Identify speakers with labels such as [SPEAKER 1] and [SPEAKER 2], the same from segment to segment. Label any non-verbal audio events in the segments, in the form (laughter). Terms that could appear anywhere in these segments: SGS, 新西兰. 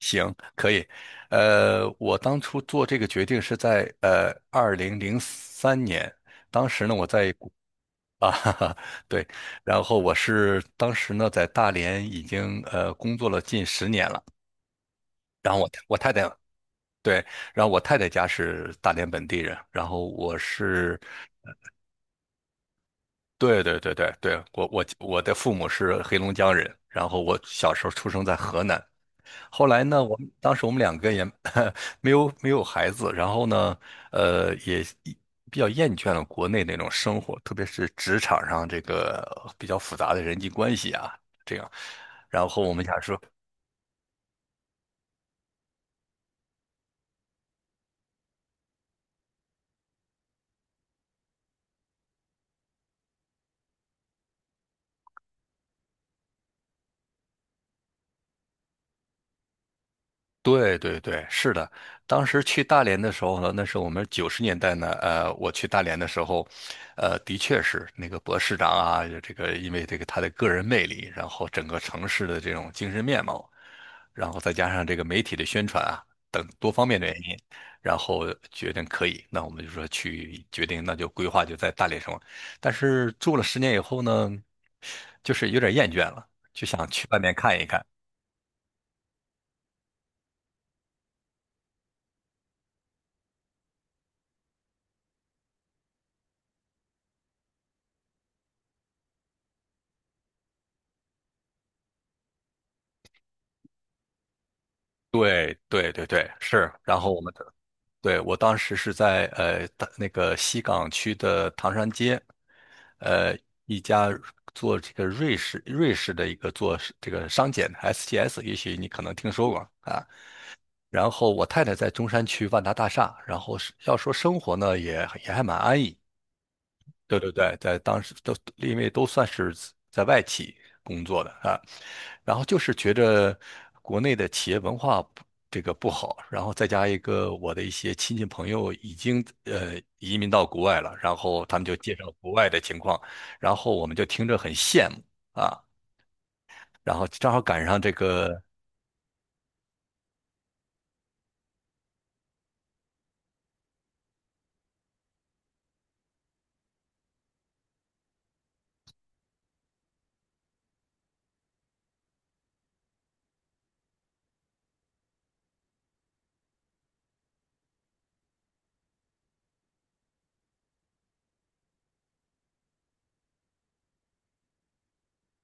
[SPEAKER 1] 行，可以。我当初做这个决定是在2003年，当时呢我在国啊，(laughs) 哈哈，对。然后我是当时呢在大连已经工作了近十年了。然后我太我太太对。然后我太太家是大连本地人，然后我是，对对对对对，我的父母是黑龙江人，然后我小时候出生在河南。后来呢，当时我们两个也 (laughs) 没有没有孩子。然后呢，也比较厌倦了国内那种生活，特别是职场上这个比较复杂的人际关系啊，这样。然后我们想说，对对对，是的。当时去大连的时候呢，那是我们90年代呢，我去大连的时候，的确是那个博士长啊，这个因为这个他的个人魅力，然后整个城市的这种精神面貌，然后再加上这个媒体的宣传啊等多方面的原因，然后决定可以，那我们就说去决定，那就规划就在大连生活。但是住了十年以后呢，就是有点厌倦了，就想去外面看一看。对对对对，是。然后我们对，我当时是在大那个西岗区的唐山街，呃一家做这个瑞士的一个做是这个商检 SGS,也许你可能听说过啊。然后我太太在中山区万达大厦，然后是要说生活呢也还蛮安逸。对对对，在当时都因为都算是在外企工作的啊，然后就是觉着国内的企业文化不这个不好，然后再加一个我的一些亲戚朋友已经移民到国外了，然后他们就介绍国外的情况，然后我们就听着很羡慕啊，然后正好赶上这个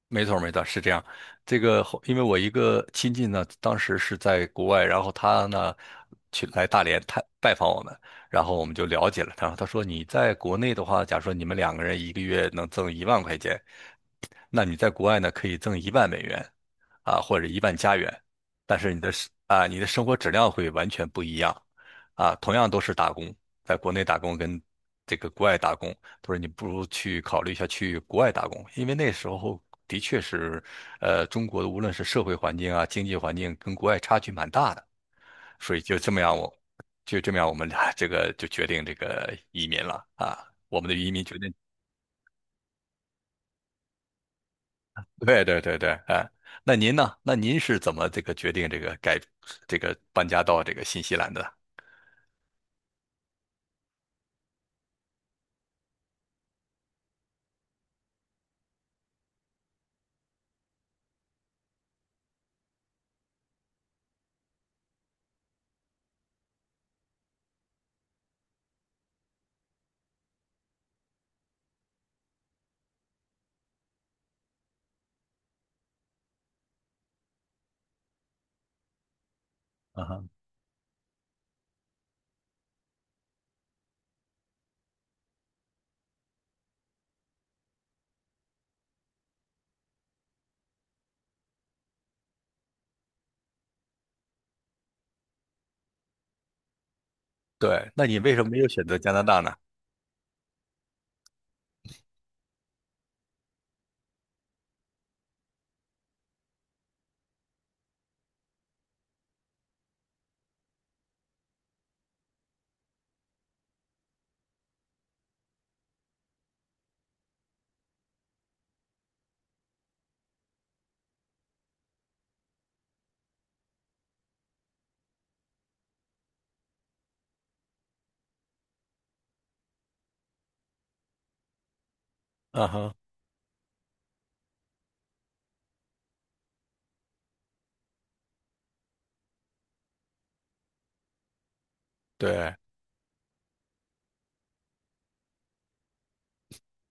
[SPEAKER 1] 没错儿没错儿是这样。这个后因为我一个亲戚呢，当时是在国外，然后他呢去来大连探拜访我们，然后我们就了解了他。他说你在国内的话，假如说你们两个人一个月能挣1万块钱，那你在国外呢可以挣1万美元啊，或者1万加元，但是你的生啊你的生活质量会完全不一样啊。同样都是打工，在国内打工跟这个国外打工，他说你不如去考虑一下去国外打工，因为那时候的确是，中国的无论是社会环境啊、经济环境跟国外差距蛮大的。所以就这么样我，就这么样我们俩 (laughs) 这个就决定这个移民了啊，我们的移民决定，对对对对，哎。那您呢？那您是怎么这个决定这个改这个搬家到这个新西兰的？嗯哼，对。那你为什么没有选择加拿大呢？嗯哼，对。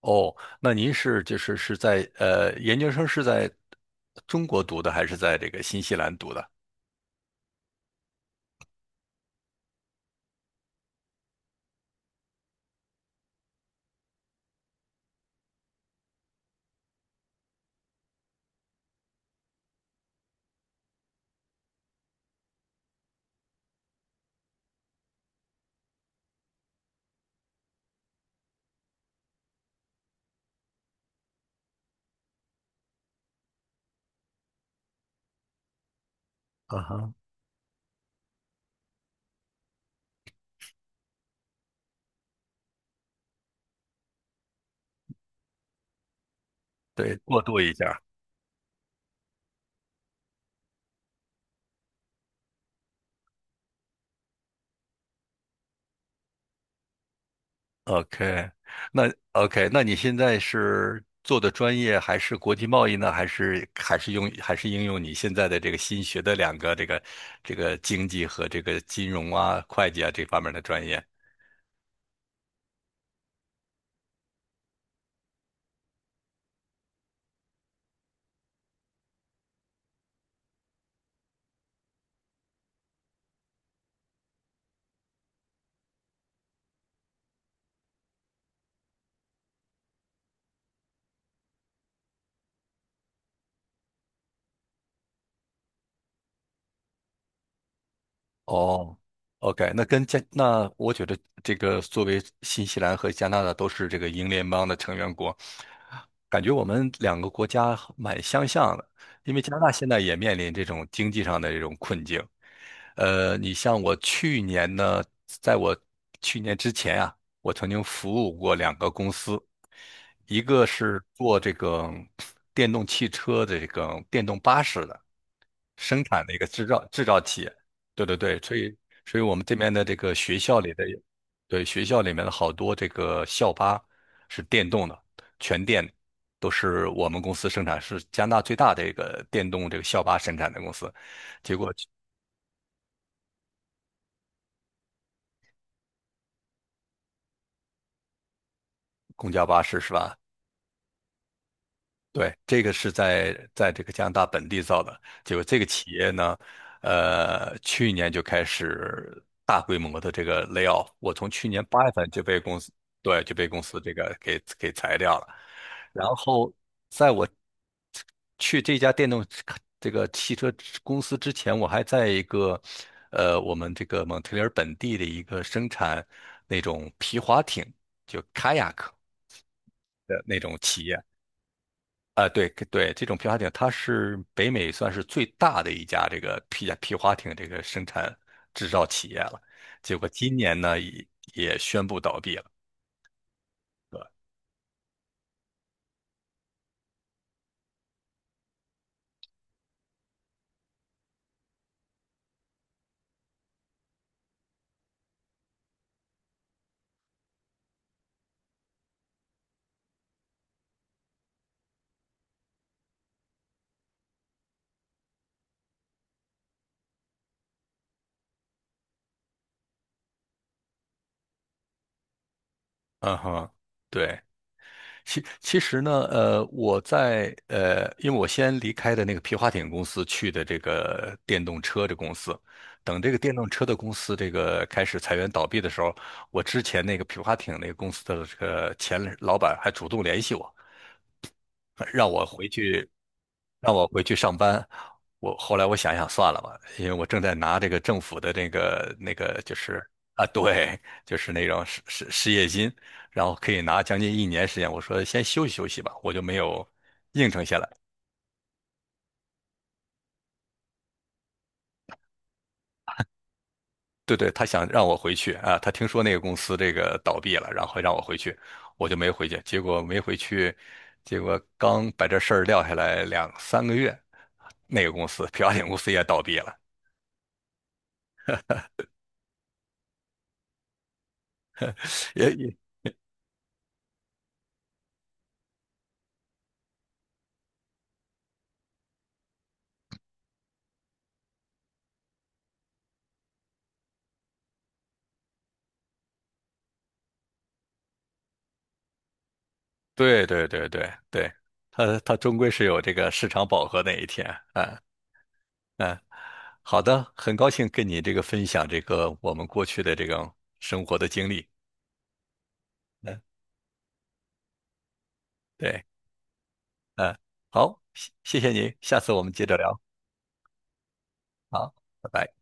[SPEAKER 1] 哦，那您是就是是在研究生是在中国读的，还是在这个新西兰读的？啊哈。对，过渡一下。OK,那你现在是做的专业还是国际贸易呢？还是应用你现在的这个新学的两个这个经济和这个金融啊、会计啊这方面的专业？哦，OK。那跟加那我觉得这个作为新西兰和加拿大都是这个英联邦的成员国，感觉我们两个国家蛮相像的，因为加拿大现在也面临这种经济上的这种困境。你像我去年呢，在我去年之前啊，我曾经服务过两个公司，一个是做这个电动汽车的这个电动巴士的，生产的一个制造企业。对对对。所以我们这边的这个学校里的，对学校里面的好多这个校巴是电动的，全电的都是我们公司生产，是加拿大最大的一个电动这个校巴生产的公司。结果公交巴士是吧？对，这个是在这个加拿大本地造的，结果这个企业呢，去年就开始大规模的这个 lay off,我从去年8月份就被公司，对，就被公司这个给裁掉了。然后在我去这家电动车这个汽车公司之前，我还在一个我们这个蒙特利尔本地的一个生产那种皮划艇，就 kayak的那种企业。啊，对对，这种皮划艇它是北美算是最大的一家这个皮划艇这个生产制造企业了，结果今年呢也宣布倒闭了。对，嗯哼，对。其实呢，我在因为我先离开的那个皮划艇公司去的这个电动车的公司，等这个电动车的公司这个开始裁员倒闭的时候，我之前那个皮划艇那个公司的这个前老板还主动联系我，让我回去让我回去上班。我后来我想想算了吧，因为我正在拿这个政府的那个就是啊，对，就是那种失业金，然后可以拿将近一年时间。我说先休息休息吧，我就没有应承下来。对对，他想让我回去啊，他听说那个公司这个倒闭了，然后让我回去，我就没回去。结果没回去，结果刚把这事儿撂下来两三个月，那个公司漂亮公司也倒闭了。也对对对对对，它终归是有这个市场饱和那一天。嗯嗯，好的，很高兴跟你这个分享这个我们过去的这种生活的经历。嗯，对，嗯，好，谢谢您，下次我们接着聊，好，拜拜。